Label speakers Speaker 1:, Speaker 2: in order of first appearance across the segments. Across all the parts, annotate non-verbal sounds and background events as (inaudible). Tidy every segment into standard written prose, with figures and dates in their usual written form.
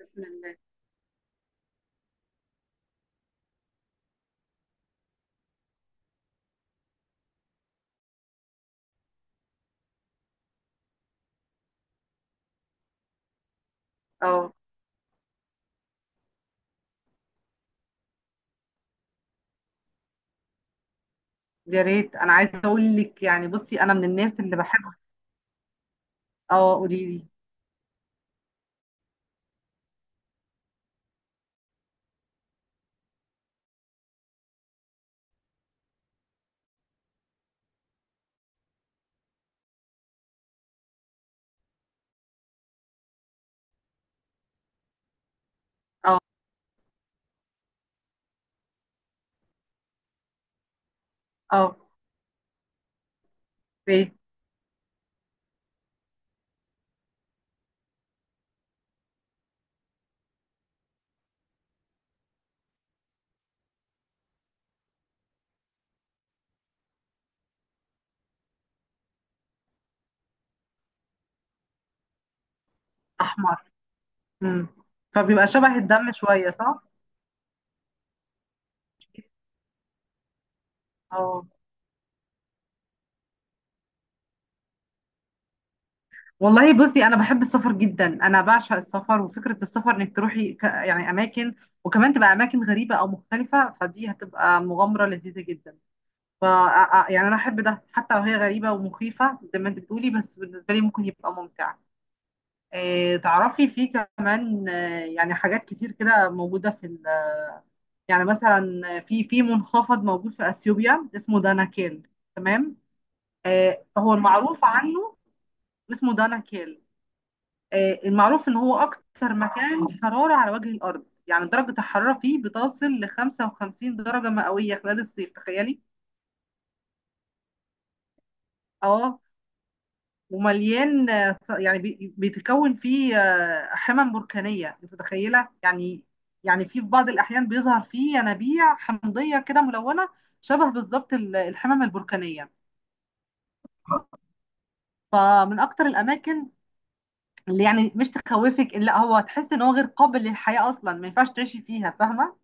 Speaker 1: بسم الله. اه، يا ريت انا عايزه اقول لك يعني بصي انا من الناس اللي بحب. اه قولي لي. اه اه ايه احمر. امم. فبيبقى شبه الدم شويه صح؟ اه والله بصي انا بحب السفر جدا. انا بعشق السفر وفكره السفر انك تروحي يعني اماكن، وكمان تبقى اماكن غريبه او مختلفه فدي هتبقى مغامره لذيذه جدا. ف يعني انا احب ده حتى لو هي غريبه ومخيفه زي ما انت بتقولي بس بالنسبه لي ممكن يبقى ممتع. تعرفي في كمان يعني حاجات كتير كده موجودة في يعني مثلا في في منخفض موجود في اثيوبيا اسمه داناكيل. تمام. هو المعروف عنه اسمه داناكيل. المعروف ان هو اكتر مكان حرارة على وجه الارض، يعني درجة الحرارة فيه بتصل ل 55 درجة مئوية خلال الصيف، تخيلي! اه ومليان يعني بيتكون فيه حمم بركانية، انت متخيلة يعني. يعني في بعض الأحيان بيظهر فيه ينابيع حمضية كده ملونة شبه بالظبط الحمم البركانية. فمن أكتر الأماكن اللي يعني مش تخوفك، إن لا هو تحس إن هو غير قابل للحياة أصلا، ما ينفعش تعيشي فيها، فاهمة؟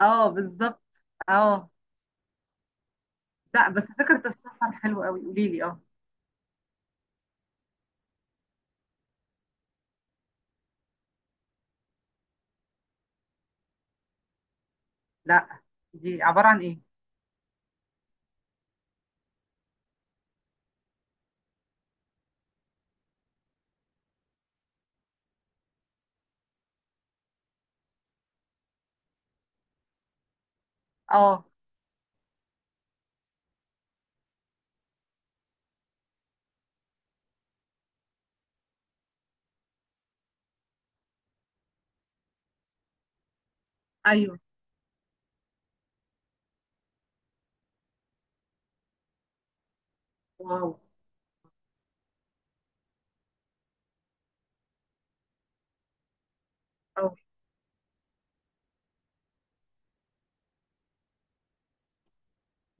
Speaker 1: اه بالظبط. اه لا، بس فكرة السفر حلوة قوي، قوليلي اه. لا، دي عبارة عن ايه؟ اه ايوه واو اه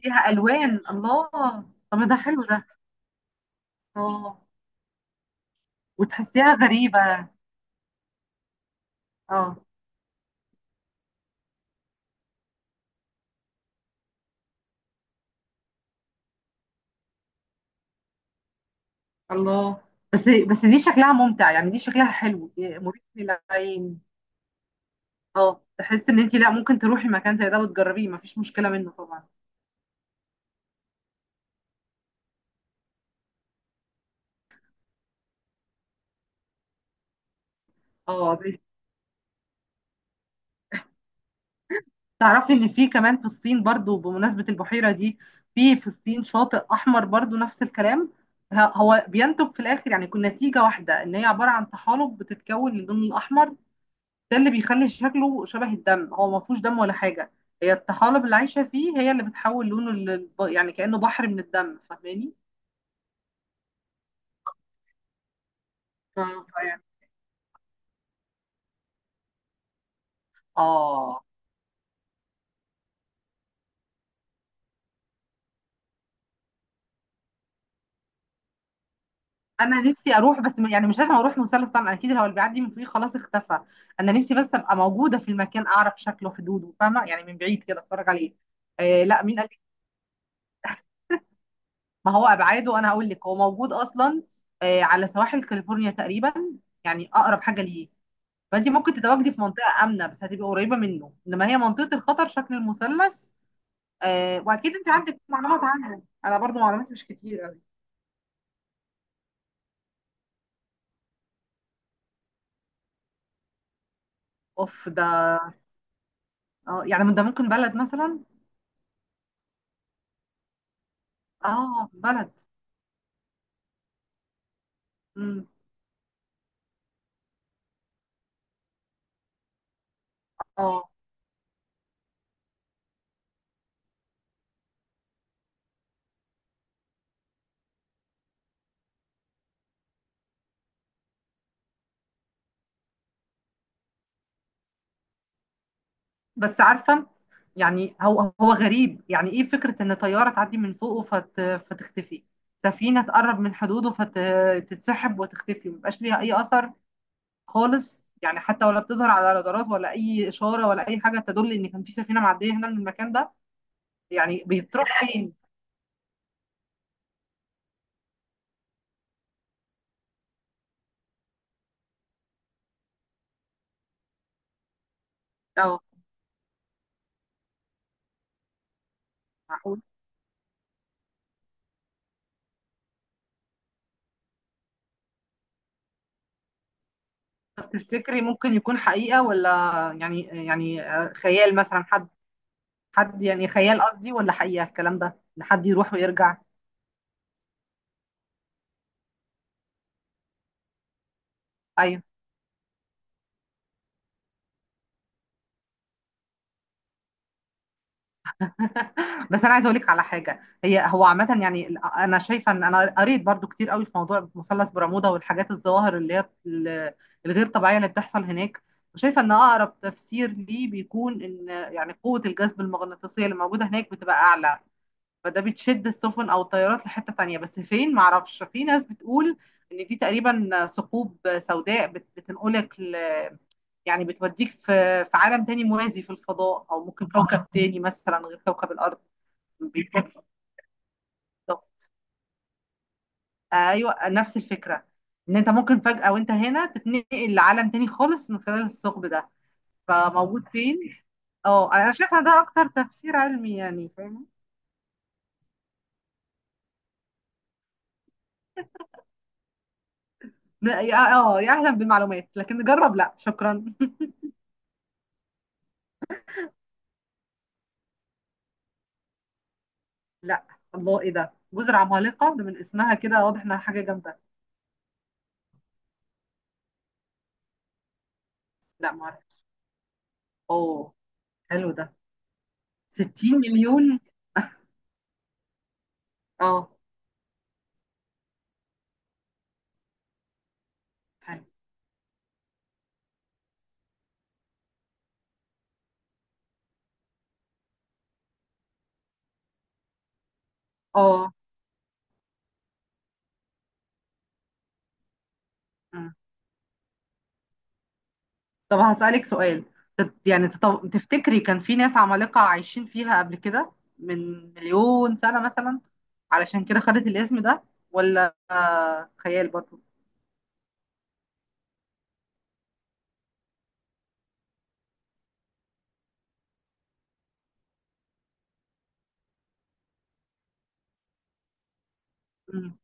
Speaker 1: فيها الوان الله. طب ده حلو ده. اه وتحسيها غريبه. اه الله. بس دي شكلها ممتع، يعني دي شكلها حلو مريح للعين. اه تحس ان انت لا ممكن تروحي مكان زي ده وتجربيه مفيش مشكله منه طبعا. اه تعرفي ان في كمان في الصين برضو بمناسبه البحيره دي، في الصين شاطئ احمر برضو نفس الكلام. هو بينتج في الاخر يعني يكون نتيجه واحده، ان هي عباره عن طحالب بتتكون للون الاحمر. ده اللي بيخلي شكله شبه الدم. هو ما فيهوش دم ولا حاجة، هي الطحالب اللي عايشة فيه هي اللي بتحول لونه لل... يعني كأنه بحر من الدم، فاهماني؟ اه فعلا. اه انا نفسي اروح، بس يعني مش لازم اروح مثلث طبعا، اكيد هو اللي بيعدي من فوقيه خلاص اختفى. انا نفسي بس ابقى موجوده في المكان، اعرف شكله حدوده، فاهمه؟ يعني من بعيد كده اتفرج عليه. آه لا، مين قال لك؟ (laughs) ما هو ابعاده انا هقول لك، هو موجود اصلا آه على سواحل كاليفورنيا تقريبا، يعني اقرب حاجه ليه. فانت ممكن تتواجدي في منطقه امنه، بس هتبقي قريبه منه، انما هي منطقه الخطر شكل المثلث. آه واكيد انت عندك معلومات عنه، انا برضو معلوماتي مش كتير قوي. اوف ده. اه يعني من ده ممكن بلد مثلا. اه بلد. امم اه. بس عارفه، يعني هو غريب، يعني ايه فكره ان طياره تعدي من فوقه فتختفي. سفينه تقرب من حدوده فتتسحب وتختفي، مبيبقاش ليها اي اثر خالص، يعني حتى ولا بتظهر على رادارات ولا اي اشاره ولا اي حاجه تدل ان كان في سفينه معديه هنا من المكان ده. يعني بيتروح فين؟ اه معقول. طب تفتكري ممكن يكون حقيقه، ولا يعني خيال مثلا حد، حد يعني خيال قصدي، ولا حقيقه الكلام ده ان حد يروح ويرجع؟ ايوه. (laughs) بس انا عايزه اقول لك على حاجه، هي هو عامه يعني انا شايفه ان انا قريت برضو كتير قوي في موضوع مثلث برمودا والحاجات الظواهر اللي هي الغير طبيعيه اللي بتحصل هناك، وشايفه ان اقرب تفسير ليه بيكون ان يعني قوه الجذب المغناطيسيه اللي موجوده هناك بتبقى اعلى، فده بتشد السفن او الطيارات لحته تانية، بس فين معرفش. في ناس بتقول ان دي تقريبا ثقوب سوداء بتنقلك يعني بتوديك في عالم تاني موازي في الفضاء، او ممكن كوكب تاني مثلا غير كوكب الارض. بيتكسر بالظبط. ايوه نفس الفكره، ان انت ممكن فجاه وانت هنا تتنقل لعالم تاني خالص من خلال الثقب ده. فموجود فين؟ اه انا شايفه ده اكتر تفسير علمي يعني، فاهمه؟ لا، يا اهلا بالمعلومات لكن نجرب لا شكرا. (laughs) لا. الله ايه ده، جزر عمالقه ده من اسمها كده واضح انها حاجه جامده. لا ما اعرف. اه حلو ده. 60 مليون. (laughs) اه حلو اه. طب هسألك سؤال، يعني تفتكري كان في ناس عمالقة عايشين فيها قبل كده من مليون سنة مثلا، علشان كده خدت الاسم ده، ولا خيال برضو؟ مم.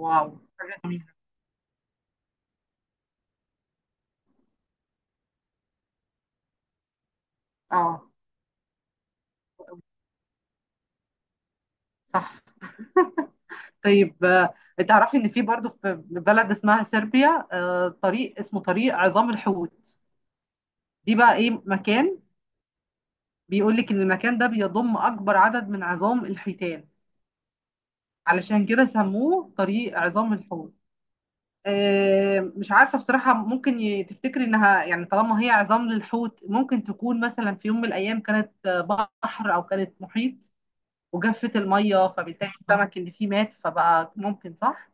Speaker 1: واو، حاجة جميلة. اه صح. طيب تعرفي ان في برضو في بلد اسمها صربيا طريق اسمه طريق عظام الحوت. دي بقى ايه مكان، بيقول لك ان المكان ده بيضم اكبر عدد من عظام الحيتان، علشان كده سموه طريق عظام الحوت. مش عارفة بصراحة، ممكن تفتكري انها يعني طالما هي عظام للحوت، ممكن تكون مثلا في يوم من الايام كانت بحر او كانت محيط وجفت المية، فبالتالي السمك اللي فيه مات فبقى، ممكن صح؟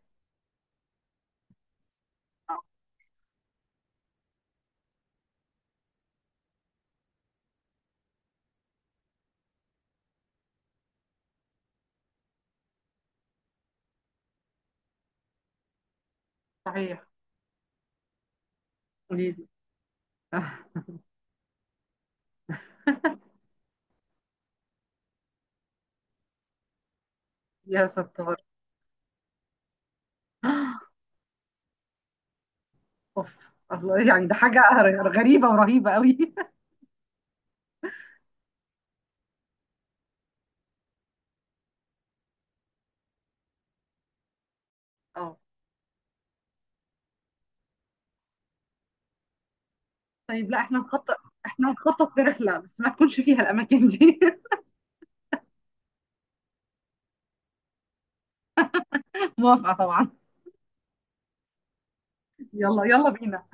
Speaker 1: صحيح. قولي لي. (laughs) يا ستار. اوف. الله، يعني ده حاجة غريبة ورهيبة قوي. (laughs) اه طيب لا، احنا نخطط، احنا نخطط لرحلة بس ما تكونش فيها الاماكن دي. (laughs) موافقة طبعا. يلا يلا بينا.